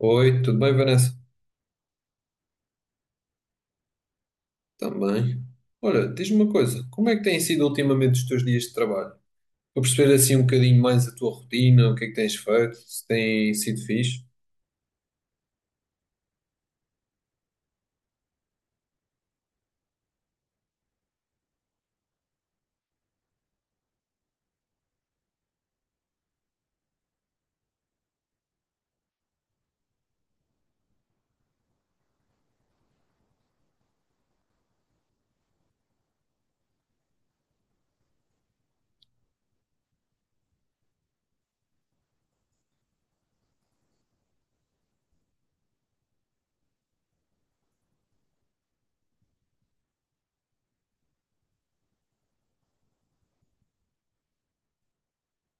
Oi, tudo bem, Vanessa? Também. Olha, diz-me uma coisa, como é que têm sido ultimamente os teus dias de trabalho? Para perceber assim um bocadinho mais a tua rotina, o que é que tens feito, se tem sido fixe.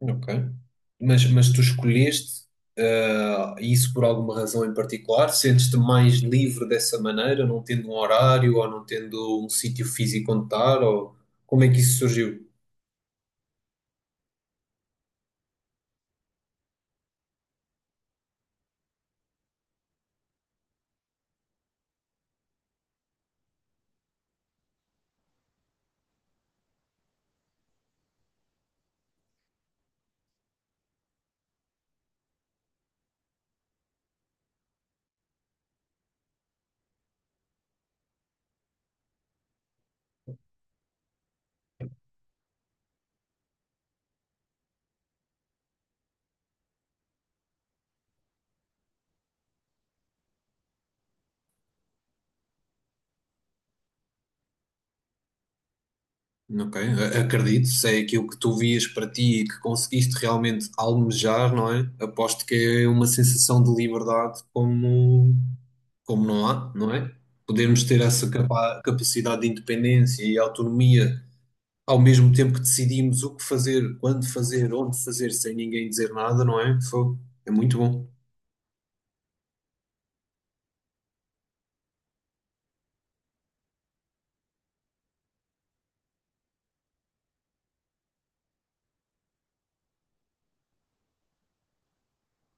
Ok. Mas tu escolheste isso por alguma razão em particular? Sentes-te mais livre dessa maneira, não tendo um horário ou não tendo um sítio físico onde estar? Ou como é que isso surgiu? Ok, acredito, se é aquilo que tu vias para ti e que conseguiste realmente almejar, não é? Aposto que é uma sensação de liberdade como, não há, não é? Podemos ter essa capacidade de independência e autonomia ao mesmo tempo que decidimos o que fazer, quando fazer, onde fazer, sem ninguém dizer nada, não é? Foi, é muito bom.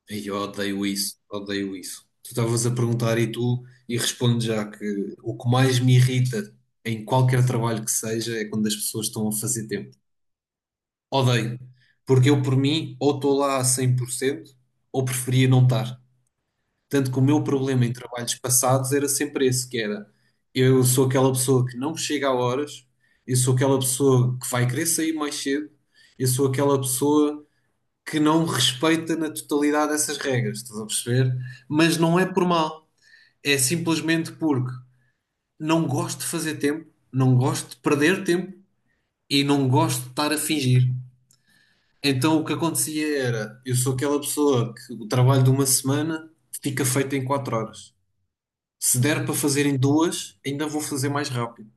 Ei, eu odeio isso, odeio isso. Tu estavas a perguntar e e respondo já que o que mais me irrita em qualquer trabalho que seja é quando as pessoas estão a fazer tempo. Odeio, porque eu por mim ou estou lá a 100% ou preferia não estar. Tanto que o meu problema em trabalhos passados era sempre esse, que era eu sou aquela pessoa que não chega a horas, eu sou aquela pessoa que vai querer sair mais cedo, eu sou aquela pessoa que não respeita na totalidade essas regras, estás a perceber? Mas não é por mal, é simplesmente porque não gosto de fazer tempo, não gosto de perder tempo e não gosto de estar a fingir. Então o que acontecia era, eu sou aquela pessoa que o trabalho de uma semana fica feito em 4 horas. Se der para fazer em duas, ainda vou fazer mais rápido.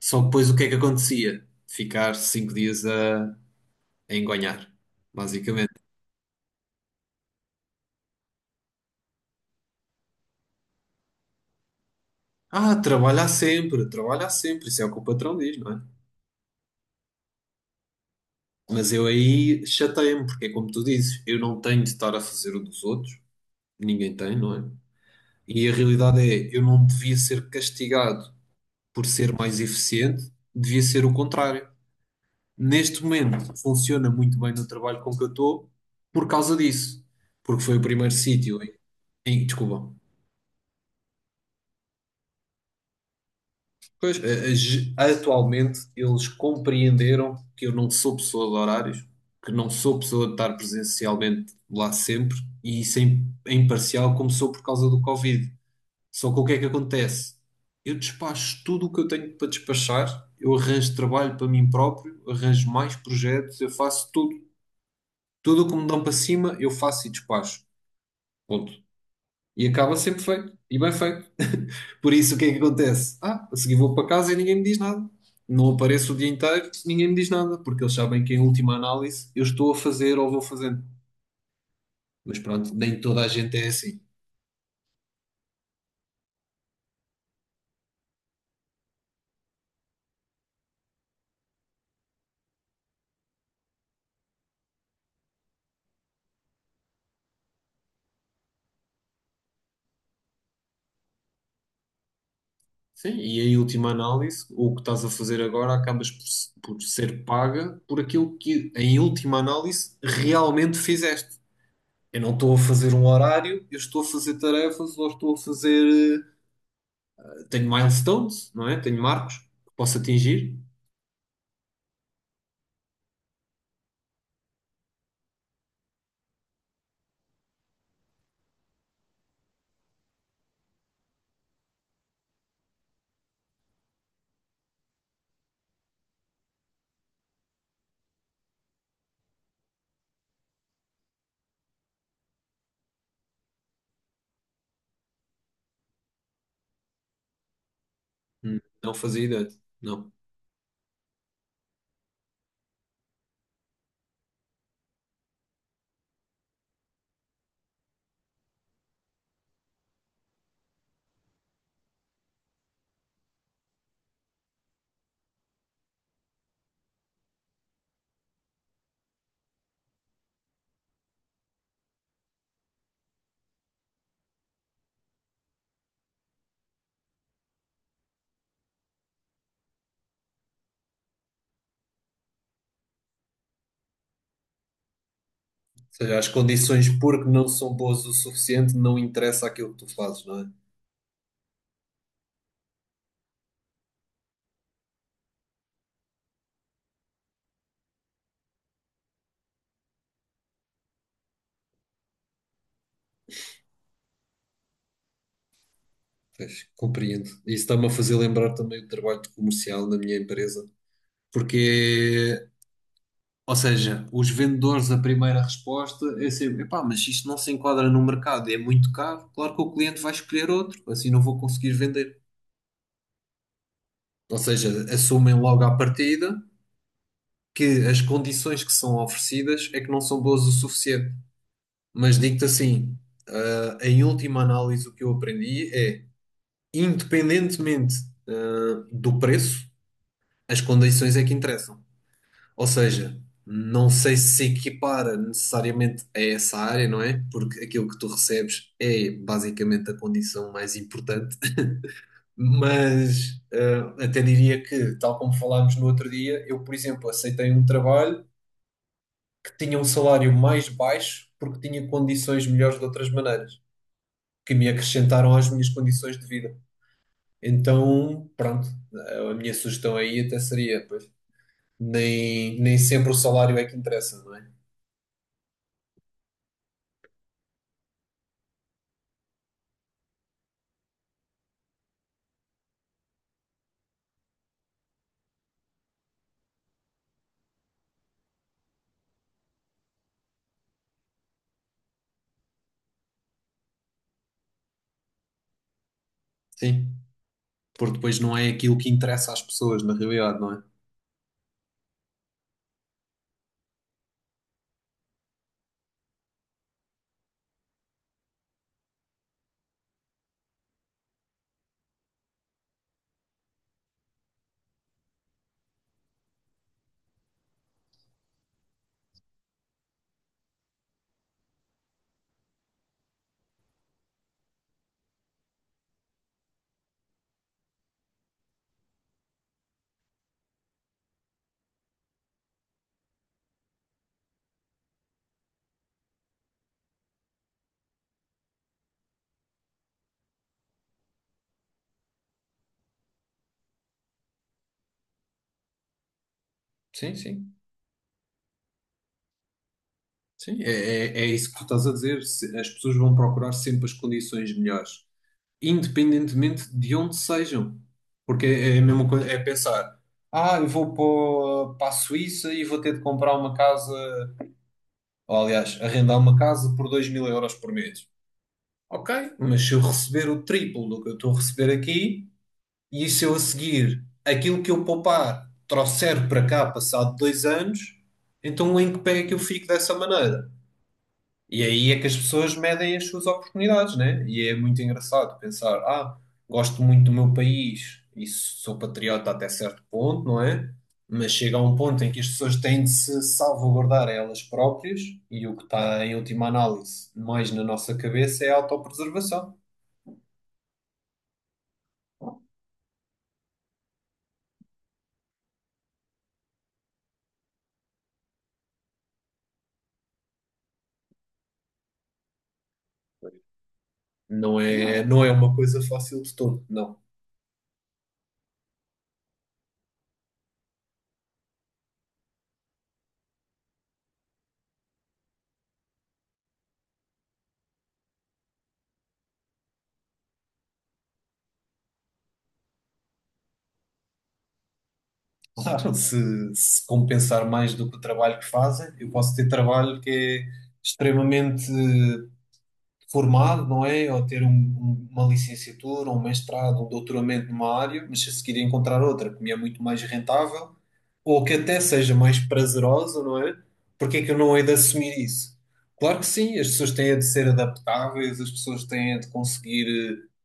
Só que depois o que é que acontecia? Ficar 5 dias a engonhar, basicamente. Ah, trabalhar sempre, isso é o que o patrão diz, não é? Mas eu aí chateio-me, porque é como tu dizes, eu não tenho de estar a fazer o dos outros, ninguém tem, não é? E a realidade é, eu não devia ser castigado por ser mais eficiente, devia ser o contrário. Neste momento, funciona muito bem no trabalho com que eu estou por causa disso, porque foi o primeiro sítio desculpa. Pois, atualmente eles compreenderam que eu não sou pessoa de horários, que não sou pessoa de estar presencialmente lá sempre, e isso em parcial começou por causa do Covid. Só que o que é que acontece? Eu despacho tudo o que eu tenho para despachar, eu arranjo trabalho para mim próprio, arranjo mais projetos, eu faço tudo. Tudo o que me dão para cima, eu faço e despacho. Ponto. E acaba sempre feito. E bem feito. Por isso, o que é que acontece? Ah, a seguir vou para casa e ninguém me diz nada. Não apareço o dia inteiro, ninguém me diz nada, porque eles sabem que em última análise eu estou a fazer ou vou fazendo. Mas pronto, nem toda a gente é assim. Sim, e em última análise, o que estás a fazer agora acabas por, por ser paga por aquilo que, em última análise, realmente fizeste. Eu não estou a fazer um horário, eu estou a fazer tarefas ou estou a fazer. Tenho milestones, não é? Tenho marcos que posso atingir. Hum. Não fazia ideia. Não. Ou seja, as condições, porque não são boas o suficiente, não interessa aquilo que tu fazes, não é? Pois, compreendo. Isso está-me a fazer lembrar também o trabalho de comercial na minha empresa. Porque, ou seja, os vendedores, a primeira resposta é sempre: epá, mas isto não se enquadra no mercado, é muito caro. Claro que o cliente vai escolher outro, assim não vou conseguir vender. Ou seja, assumem logo à partida que as condições que são oferecidas é que não são boas o suficiente. Mas digo-te assim. Em última análise, o que eu aprendi é, independentemente do preço, as condições é que interessam. Ou seja, não sei se se equipara necessariamente a essa área, não é? Porque aquilo que tu recebes é basicamente a condição mais importante. Mas até diria que, tal como falámos no outro dia, eu, por exemplo, aceitei um trabalho que tinha um salário mais baixo porque tinha condições melhores de outras maneiras, que me acrescentaram às minhas condições de vida. Então, pronto, a minha sugestão aí até seria, pois, nem sempre o salário é que interessa, não é? Sim. Porque depois não é aquilo que interessa às pessoas, na realidade, não é? Sim, sim, sim. É isso que tu estás a dizer. As pessoas vão procurar sempre as condições melhores, independentemente de onde sejam. Porque é a mesma coisa, é pensar, eu vou para a Suíça e vou ter de comprar uma casa, ou aliás, arrendar uma casa por 2000 € por mês. Ok, mas se eu receber o triplo do que eu estou a receber aqui, e se eu a seguir aquilo que eu poupar trouxer para cá passado 2 anos, então em que pé é que eu fico dessa maneira? E aí é que as pessoas medem as suas oportunidades, né? E é muito engraçado pensar, gosto muito do meu país e sou patriota até certo ponto, não é? Mas chega a um ponto em que as pessoas têm de se salvaguardar a elas próprias e o que está em última análise mais na nossa cabeça é a autopreservação. Não é, não é uma coisa fácil de todo, não. Claro. Se compensar mais do que o trabalho que fazem, eu posso ter trabalho que é extremamente formado, não é? Ou ter uma licenciatura, um mestrado, um doutoramento numa área, mas a seguir encontrar outra que me é muito mais rentável ou que até seja mais prazerosa, não é? Porque é que eu não hei de assumir isso? Claro que sim, as pessoas têm de ser adaptáveis, as pessoas têm de conseguir. eh,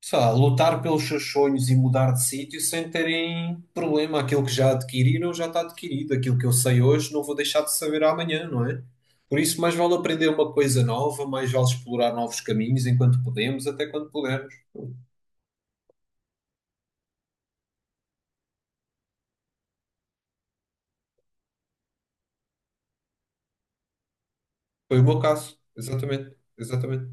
sei lá, lutar pelos seus sonhos e mudar de sítio sem terem problema. Aquilo que já adquiriram já está adquirido. Aquilo que eu sei hoje não vou deixar de saber amanhã, não é? Por isso, mais vale aprender uma coisa nova, mais vale explorar novos caminhos enquanto podemos, até quando pudermos. Foi o meu caso, exatamente, exatamente.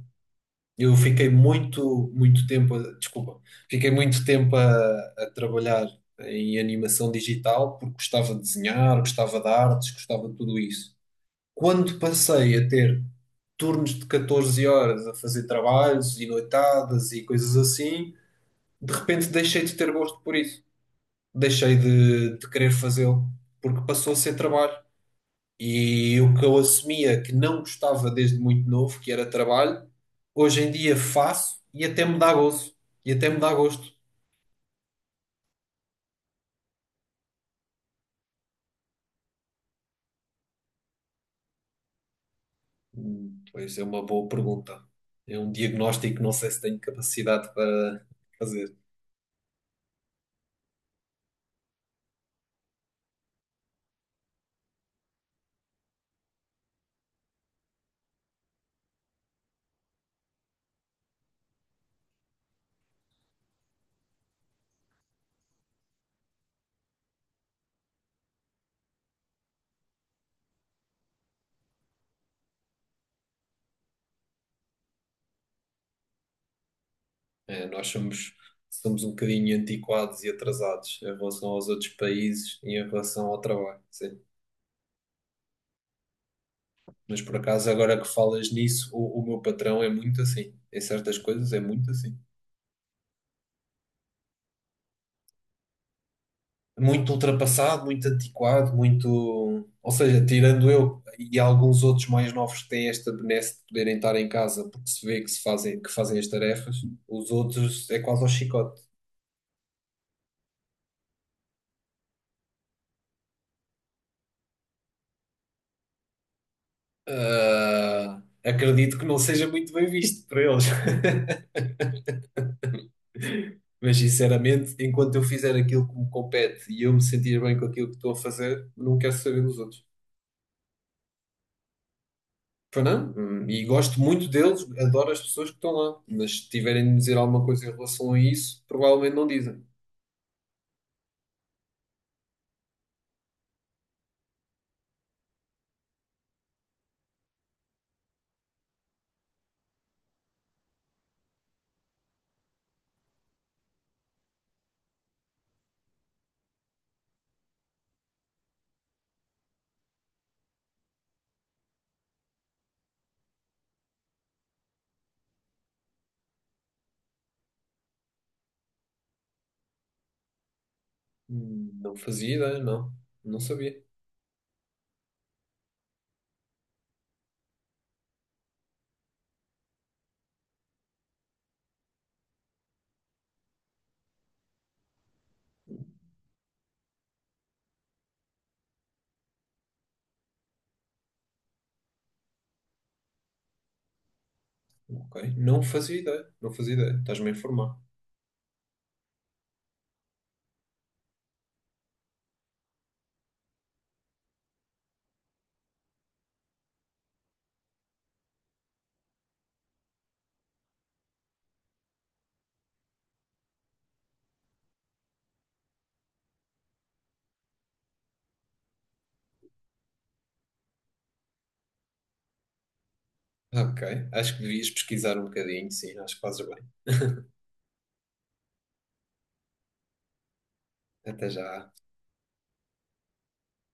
Eu fiquei muito, muito tempo, desculpa, fiquei muito tempo a trabalhar em animação digital porque gostava de desenhar, gostava de artes, gostava de tudo isso. Quando passei a ter turnos de 14 horas a fazer trabalhos e noitadas e coisas assim, de repente deixei de ter gosto por isso. Deixei de querer fazê-lo, porque passou a ser trabalho. E o que eu assumia que não gostava desde muito novo, que era trabalho, hoje em dia faço e até me dá gozo. E até me dá gosto. Hum. Pois é uma boa pergunta. É um diagnóstico que não sei se tenho capacidade para fazer. É, nós somos um bocadinho antiquados e atrasados em relação aos outros países e em relação ao trabalho, sim. Mas por acaso, agora que falas nisso, o meu patrão é muito assim. Em certas coisas é muito assim. Muito ultrapassado, muito antiquado, muito. Ou seja, tirando eu e alguns outros mais novos que têm esta benesse de poderem estar em casa porque se vê que, se fazem, que fazem as tarefas, os outros é quase ao chicote. Ah, acredito que não seja muito bem visto por eles. Mas sinceramente, enquanto eu fizer aquilo que me compete e eu me sentir bem com aquilo que estou a fazer, não quero saber dos outros. Foi não? Hum. E gosto muito deles, adoro as pessoas que estão lá. Mas se tiverem de me dizer alguma coisa em relação a isso, provavelmente não dizem. Hum. Não fazia ideia, não. Não sabia. Ok. Não fazia ideia. Não fazia ideia. Estás-me a informar. Ok. Acho que devias pesquisar um bocadinho, sim. Acho que fazes bem. Até já.